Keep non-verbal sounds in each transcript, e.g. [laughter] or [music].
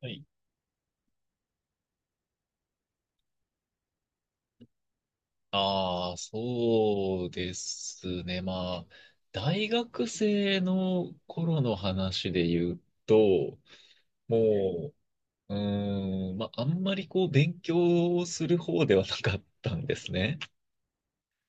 はい。ああ、そうですね。大学生の頃の話で言うと、もう、うーん、まあ、あんまり勉強をする方ではなかったんですね。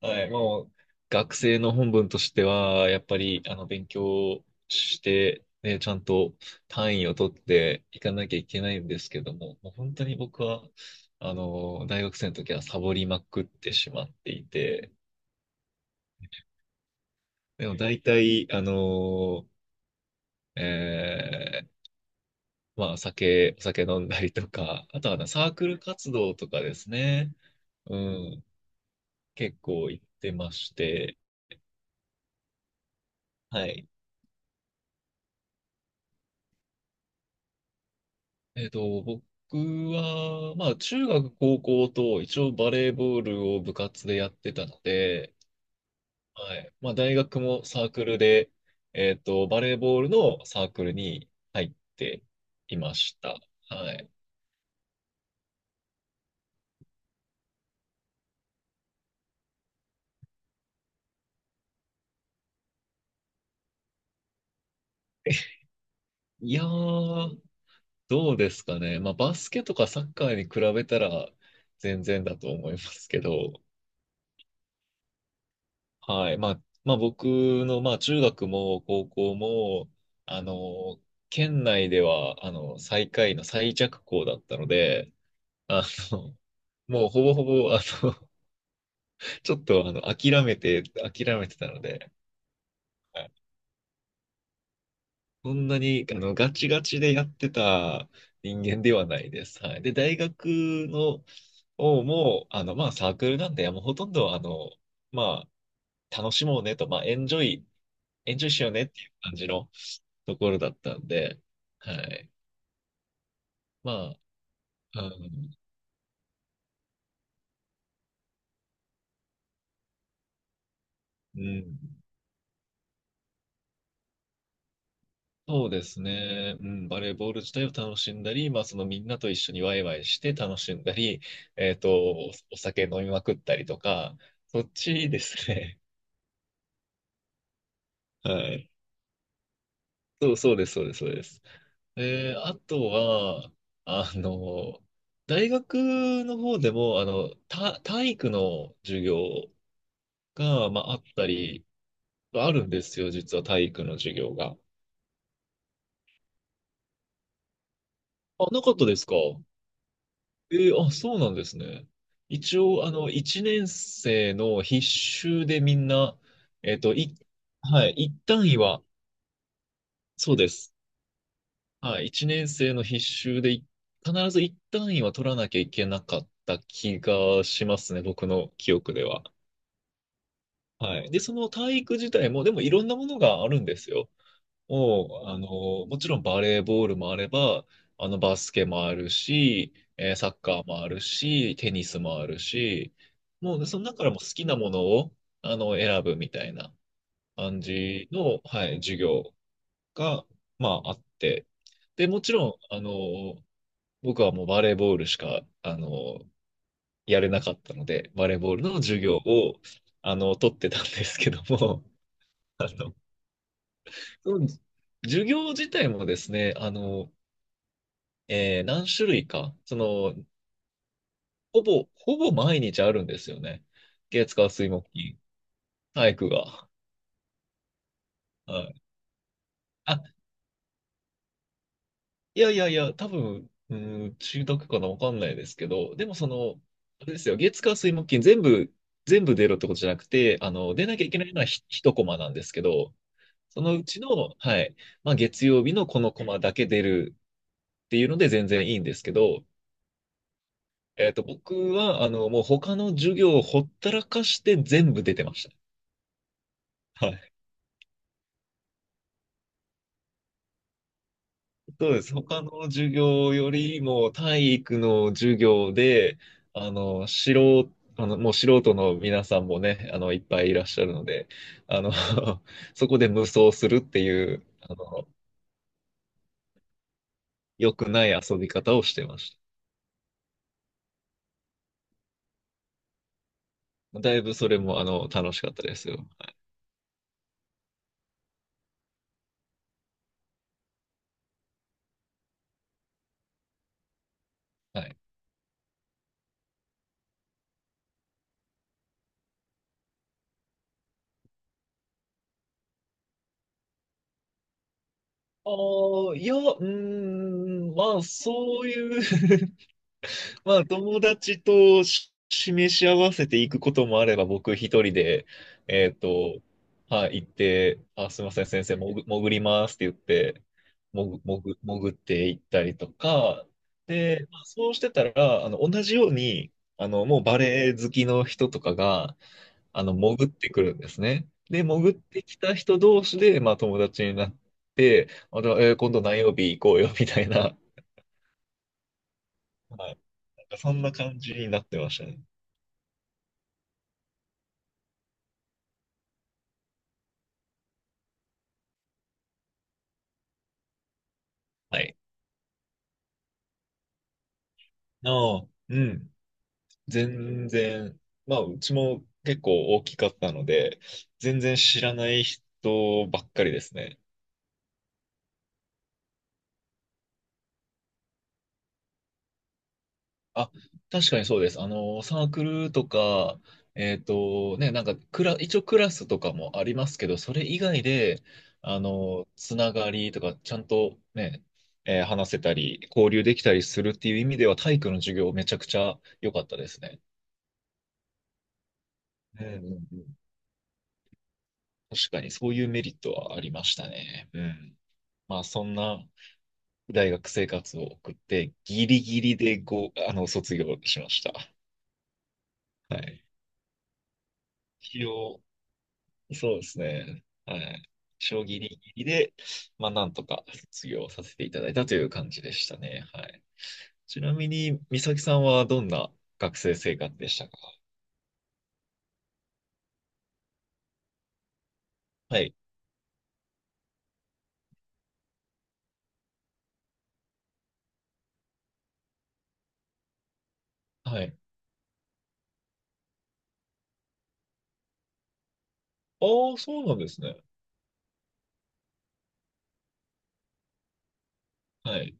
はい。学生の本分としては、やっぱり、勉強して、ね、ちゃんと単位を取っていかなきゃいけないんですけども、もう本当に僕は、大学生の時はサボりまくってしまっていて、でも大体、ーえーお酒飲んだりとか、あとはなサークル活動とかですね。うん、結構行ってまして、はい。僕は、中学、高校と一応バレーボールを部活でやってたので、はい。まあ、大学もサークルで、バレーボールのサークルに入っていました。はい。いやー、どうですかね。まあ、バスケとかサッカーに比べたら全然だと思いますけど、はい。まあ、まあ、僕の、まあ、中学も高校も、あの、県内では、最下位の最弱校だったので、あの、もうほぼほぼ、あの、ちょっと、あの、諦めてたので、はい。そんなに、ガチガチでやってた人間ではないです。はい。で、大学の、をもう、サークルなんで、もうほとんど、まあ、楽しもうねと、まあ、エンジョイしようねっていう感じのところだったんで、はい。まあ、うん、うん。そうですね。うん、バレーボール自体を楽しんだり、まあ、そのみんなと一緒にワイワイして楽しんだり、おお酒飲みまくったりとか、そっちですね。[laughs] はい。そうです、そうです、そうです。えー、あとは、あの、大学の方でも、た体育の授業が、まあ、あったり、あるんですよ、実は体育の授業が。あ、なかったですか。えー、あ、そうなんですね。一応、一年生の必修でみんな、えっと、い、はい、一単位は、そうです。はい、1年生の必修でい必ず1単位は取らなきゃいけなかった気がしますね、僕の記憶では。はい。で、その体育自体も、でもいろんなものがあるんですよ。もう、もちろんバレーボールもあれば、バスケもあるし、えーサッカーもあるし、テニスもあるし、もう、その中からも好きなものを、選ぶみたいな感じの、はい、授業が、まあ、あって、で、もちろん、僕はもうバレーボールしか、やれなかったので、バレーボールの授業を、取ってたんですけども、[laughs] あの、その授業自体もですね、何種類か、その、ほぼ毎日あるんですよね。月火水木金、体育が。はい。あ、いやいやいや、多分、うん、中学かな、わかんないですけど、でもその、あれですよ、月火水木金全部、全部出ろってことじゃなくて、出なきゃいけないのはひ一コマなんですけど、そのうちの、はい、まあ、月曜日のこのコマだけ出るっていうので全然いいんですけど、僕は、もう他の授業をほったらかして全部出てました。はい。そうです。他の授業よりも体育の授業で、あの、素人、あの、もう素人の皆さんもね、いっぱいいらっしゃるので、あの、[laughs] そこで無双するっていう、良くない遊び方をしてました。だいぶそれも、楽しかったですよ。はい。ああ、いや、うーん、まあ、そういう。 [laughs] まあ、友達とし示し合わせていくこともあれば、僕一人で、えっと、はい、行って、あ、すいません、先生、潜りますって言って、潜って行ったりとか、で、まあそうしてたら、同じように、もうバレエ好きの人とかが、潜ってくるんですね。で、潜ってきた人同士で、まあ、友達になって、あ、じゃあ、えー今度何曜日行こうよ、みたいな。はい。なんかそんな感じになってましたね。はい。ああ、うん。全然、まあ、うちも結構大きかったので、全然知らない人ばっかりですね。あ、確かにそうです。サークルとか、えっとね、なんかクラ、一応クラスとかもありますけど、それ以外で、つながりとか、ちゃんとね、えー話せたり、交流できたりするっていう意味では、体育の授業めちゃくちゃ良かったですね。うんうんうん、確かに、そういうメリットはありましたね。うん。まあ、そんな大学生活を送って、ギリギリでご、あの、卒業しました。はい。一応、そうですね。はい。将棋ギリギリで、まあ、なんとか卒業させていただいたという感じでしたね。はい。ちなみに、美咲さんはどんな学生生活でしたか。はい。はい。ああ、そうなんですね。はい。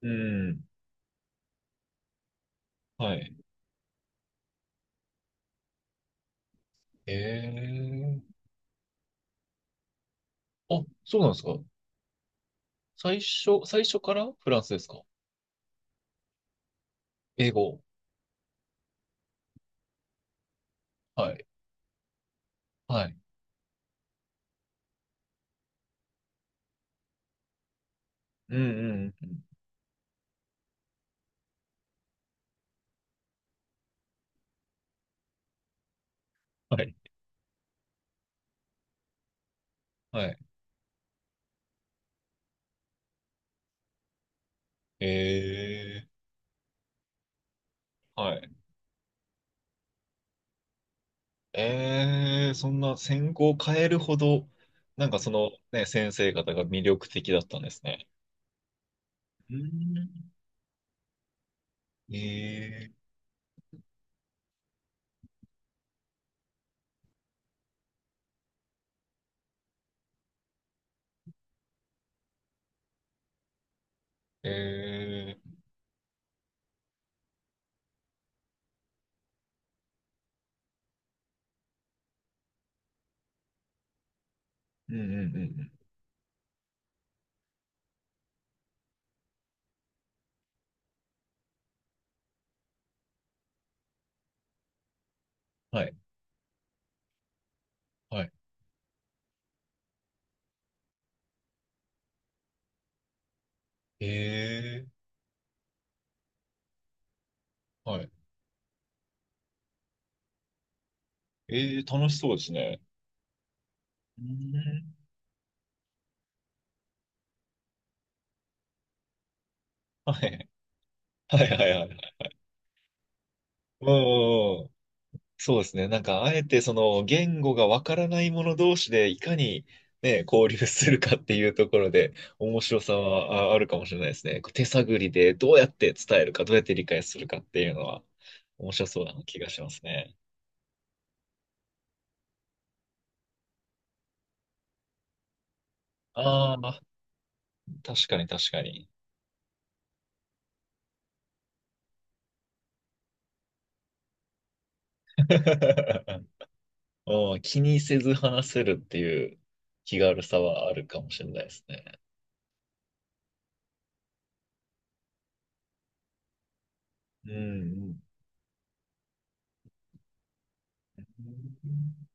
うん。はい。ええ。あ、そうなんですか。最初からフランスですか。英語。はい。はい。うんうんうん。はい。はい。ええ。はい。ええ。そんな専攻を変えるほど、なんかそのね、先生方が魅力的だったんですね。うん。ええ。ええ。うんうんうんうん。はい、はい。ええ。はい。ええ楽しそうですね。うん。はい、はい、はい、はい。うん、うんうん。そうですね。なんか、あえてその言語がわからない者同士でいかにね、交流するかっていうところで面白さはああるかもしれないですね。こう手探りでどうやって伝えるか、どうやって理解するかっていうのは面白そうな気がしますね。ああ、確かに確かに。[laughs] うん、気にせず話せるっていう気軽さはあるかもしれないですね。うんうん。